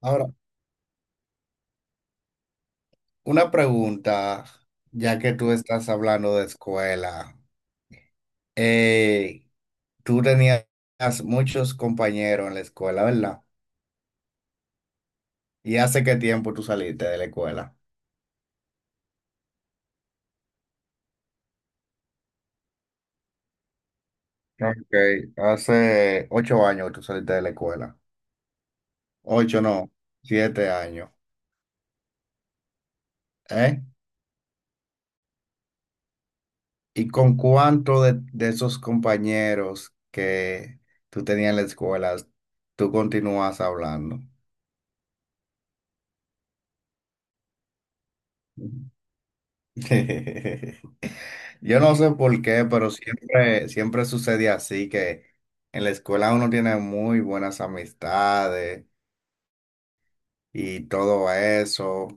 Ahora, una pregunta, ya que tú estás hablando de escuela. Eh, Tú tenías muchos compañeros en la escuela, ¿verdad? ¿Y hace qué tiempo tú saliste de la escuela? Ok, hace ocho años que tú saliste de la escuela. Ocho, no, siete años. ¿Eh? ¿Y con cuánto de esos compañeros que tú tenías en la escuela tú continúas hablando? Yo no sé por qué, pero siempre, siempre sucede así, que en la escuela uno tiene muy buenas amistades y todo eso,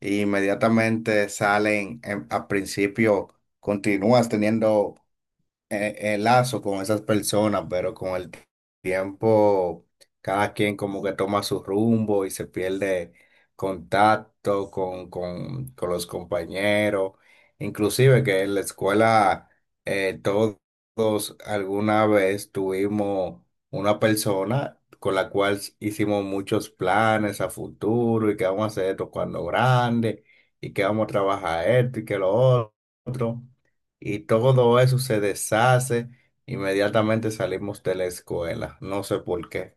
y inmediatamente salen, al principio continúas teniendo lazo con esas personas, pero con el tiempo cada quien como que toma su rumbo y se pierde contacto con los compañeros, inclusive que en la escuela todos alguna vez tuvimos una persona con la cual hicimos muchos planes a futuro y que vamos a hacer esto cuando grande y que vamos a trabajar esto y que lo otro y todo eso se deshace. Inmediatamente salimos de la escuela. No sé por qué.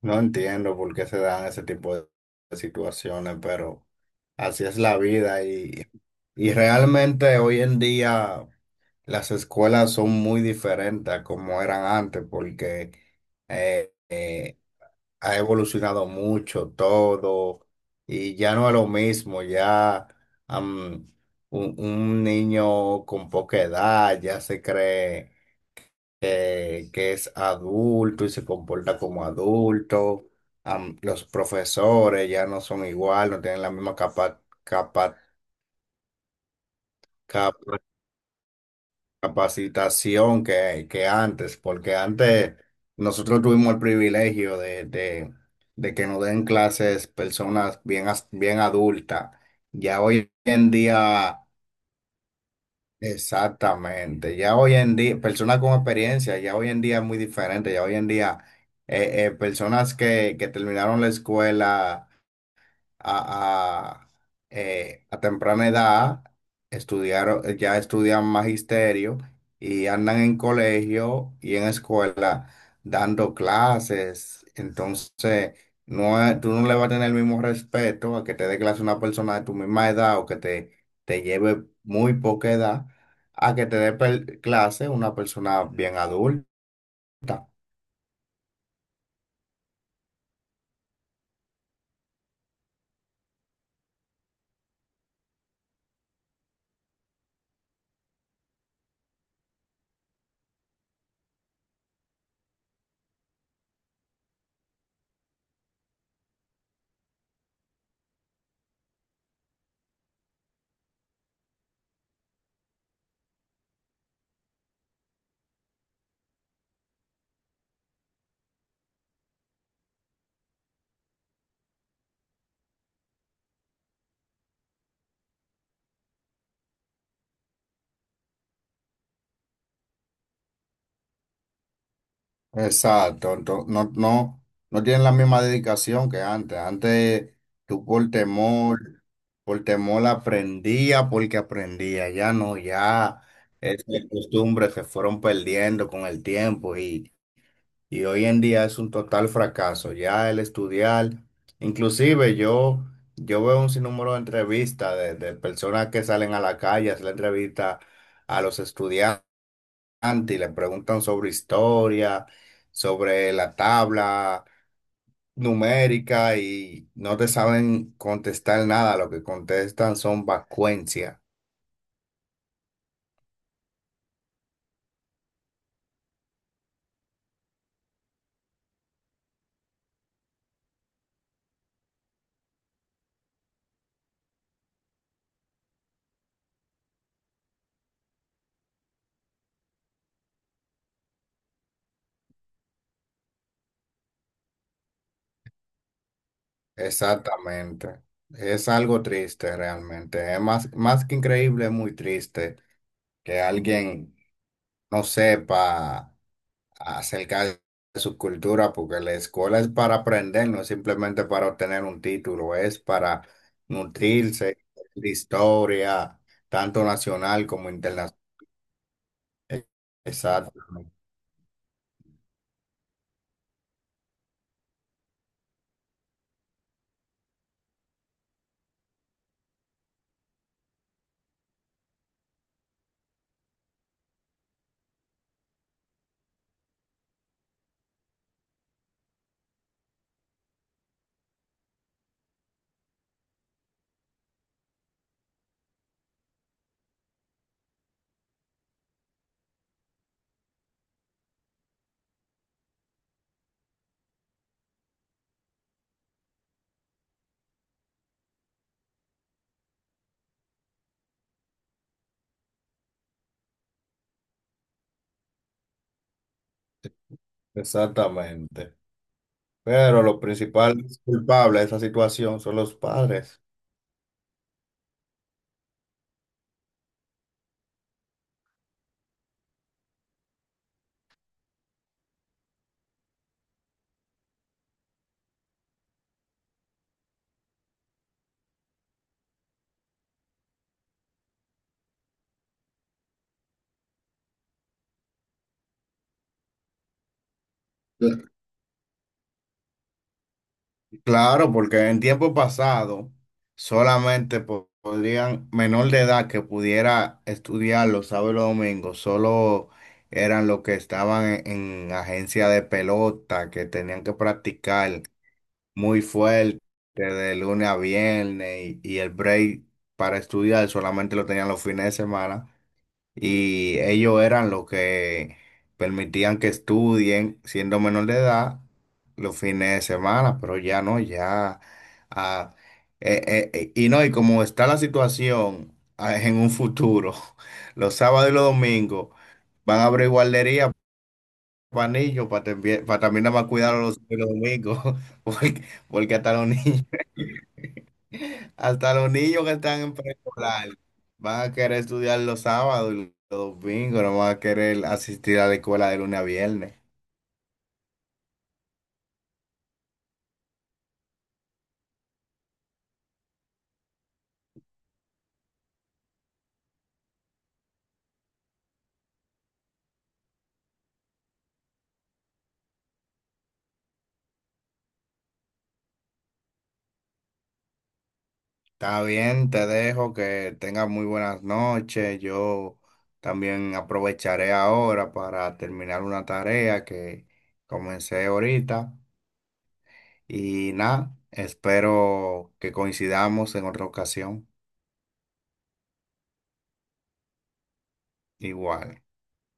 No entiendo por qué se dan ese tipo de situaciones, pero así es la vida y realmente hoy en día las escuelas son muy diferentes a como eran antes porque... eh, eh, ha evolucionado mucho todo y ya no es lo mismo, ya am, un niño con poca edad ya se cree que es adulto y se comporta como adulto. Am, los profesores ya no son igual, no tienen la misma capa, capa- capacitación que antes, porque antes nosotros tuvimos el privilegio de que nos den clases personas bien, bien adultas. Ya hoy en día, exactamente, ya hoy en día, personas con experiencia, ya hoy en día es muy diferente, ya hoy en día, personas que terminaron la escuela a, a, a temprana edad, estudiaron, ya estudian magisterio y andan en colegio y en escuela dando clases. Entonces, no, tú no le vas a tener el mismo respeto a que te dé clase una persona de tu misma edad o que te lleve muy poca edad a que te dé clase una persona bien adulta. Exacto, no, no, no tienen la misma dedicación que antes. Antes tú por temor aprendía porque aprendía, ya no, ya esas costumbres se fueron perdiendo con el tiempo y hoy en día es un total fracaso, ya el estudiar, inclusive yo, yo veo un sinnúmero de entrevistas de personas que salen a la calle, a hacer la entrevista a los estudiantes y le preguntan sobre historia, sobre la tabla numérica y no te saben contestar nada, lo que contestan son vacuencia. Exactamente. Es algo triste realmente. Es más, más que increíble, es muy triste que alguien no sepa acerca de su cultura, porque la escuela es para aprender, no es simplemente para obtener un título, es para nutrirse de historia, tanto nacional como internacional. Exactamente, exactamente. Pero los principales culpables de esa situación son los padres. Claro, porque en tiempo pasado solamente podrían, menor de edad que pudiera estudiar los sábados y los domingos, solo eran los que estaban en agencia de pelota, que tenían que practicar muy fuerte de lunes a viernes y el break para estudiar solamente lo tenían los fines de semana y ellos eran los que permitían que estudien siendo menor de edad los fines de semana, pero ya no, ya... ah, y no, y como está la situación, en un futuro, los sábados y los domingos van a abrir guardería para niños, para también nada más cuidar a los domingos, porque, porque hasta los niños... Hasta los niños que están en preescolar van a querer estudiar los sábados y los domingos, no van a querer asistir a la escuela de lunes a viernes. Está bien, te dejo que tengas muy buenas noches. Yo también aprovecharé ahora para terminar una tarea que comencé ahorita. Y nada, espero que coincidamos en otra ocasión. Igual.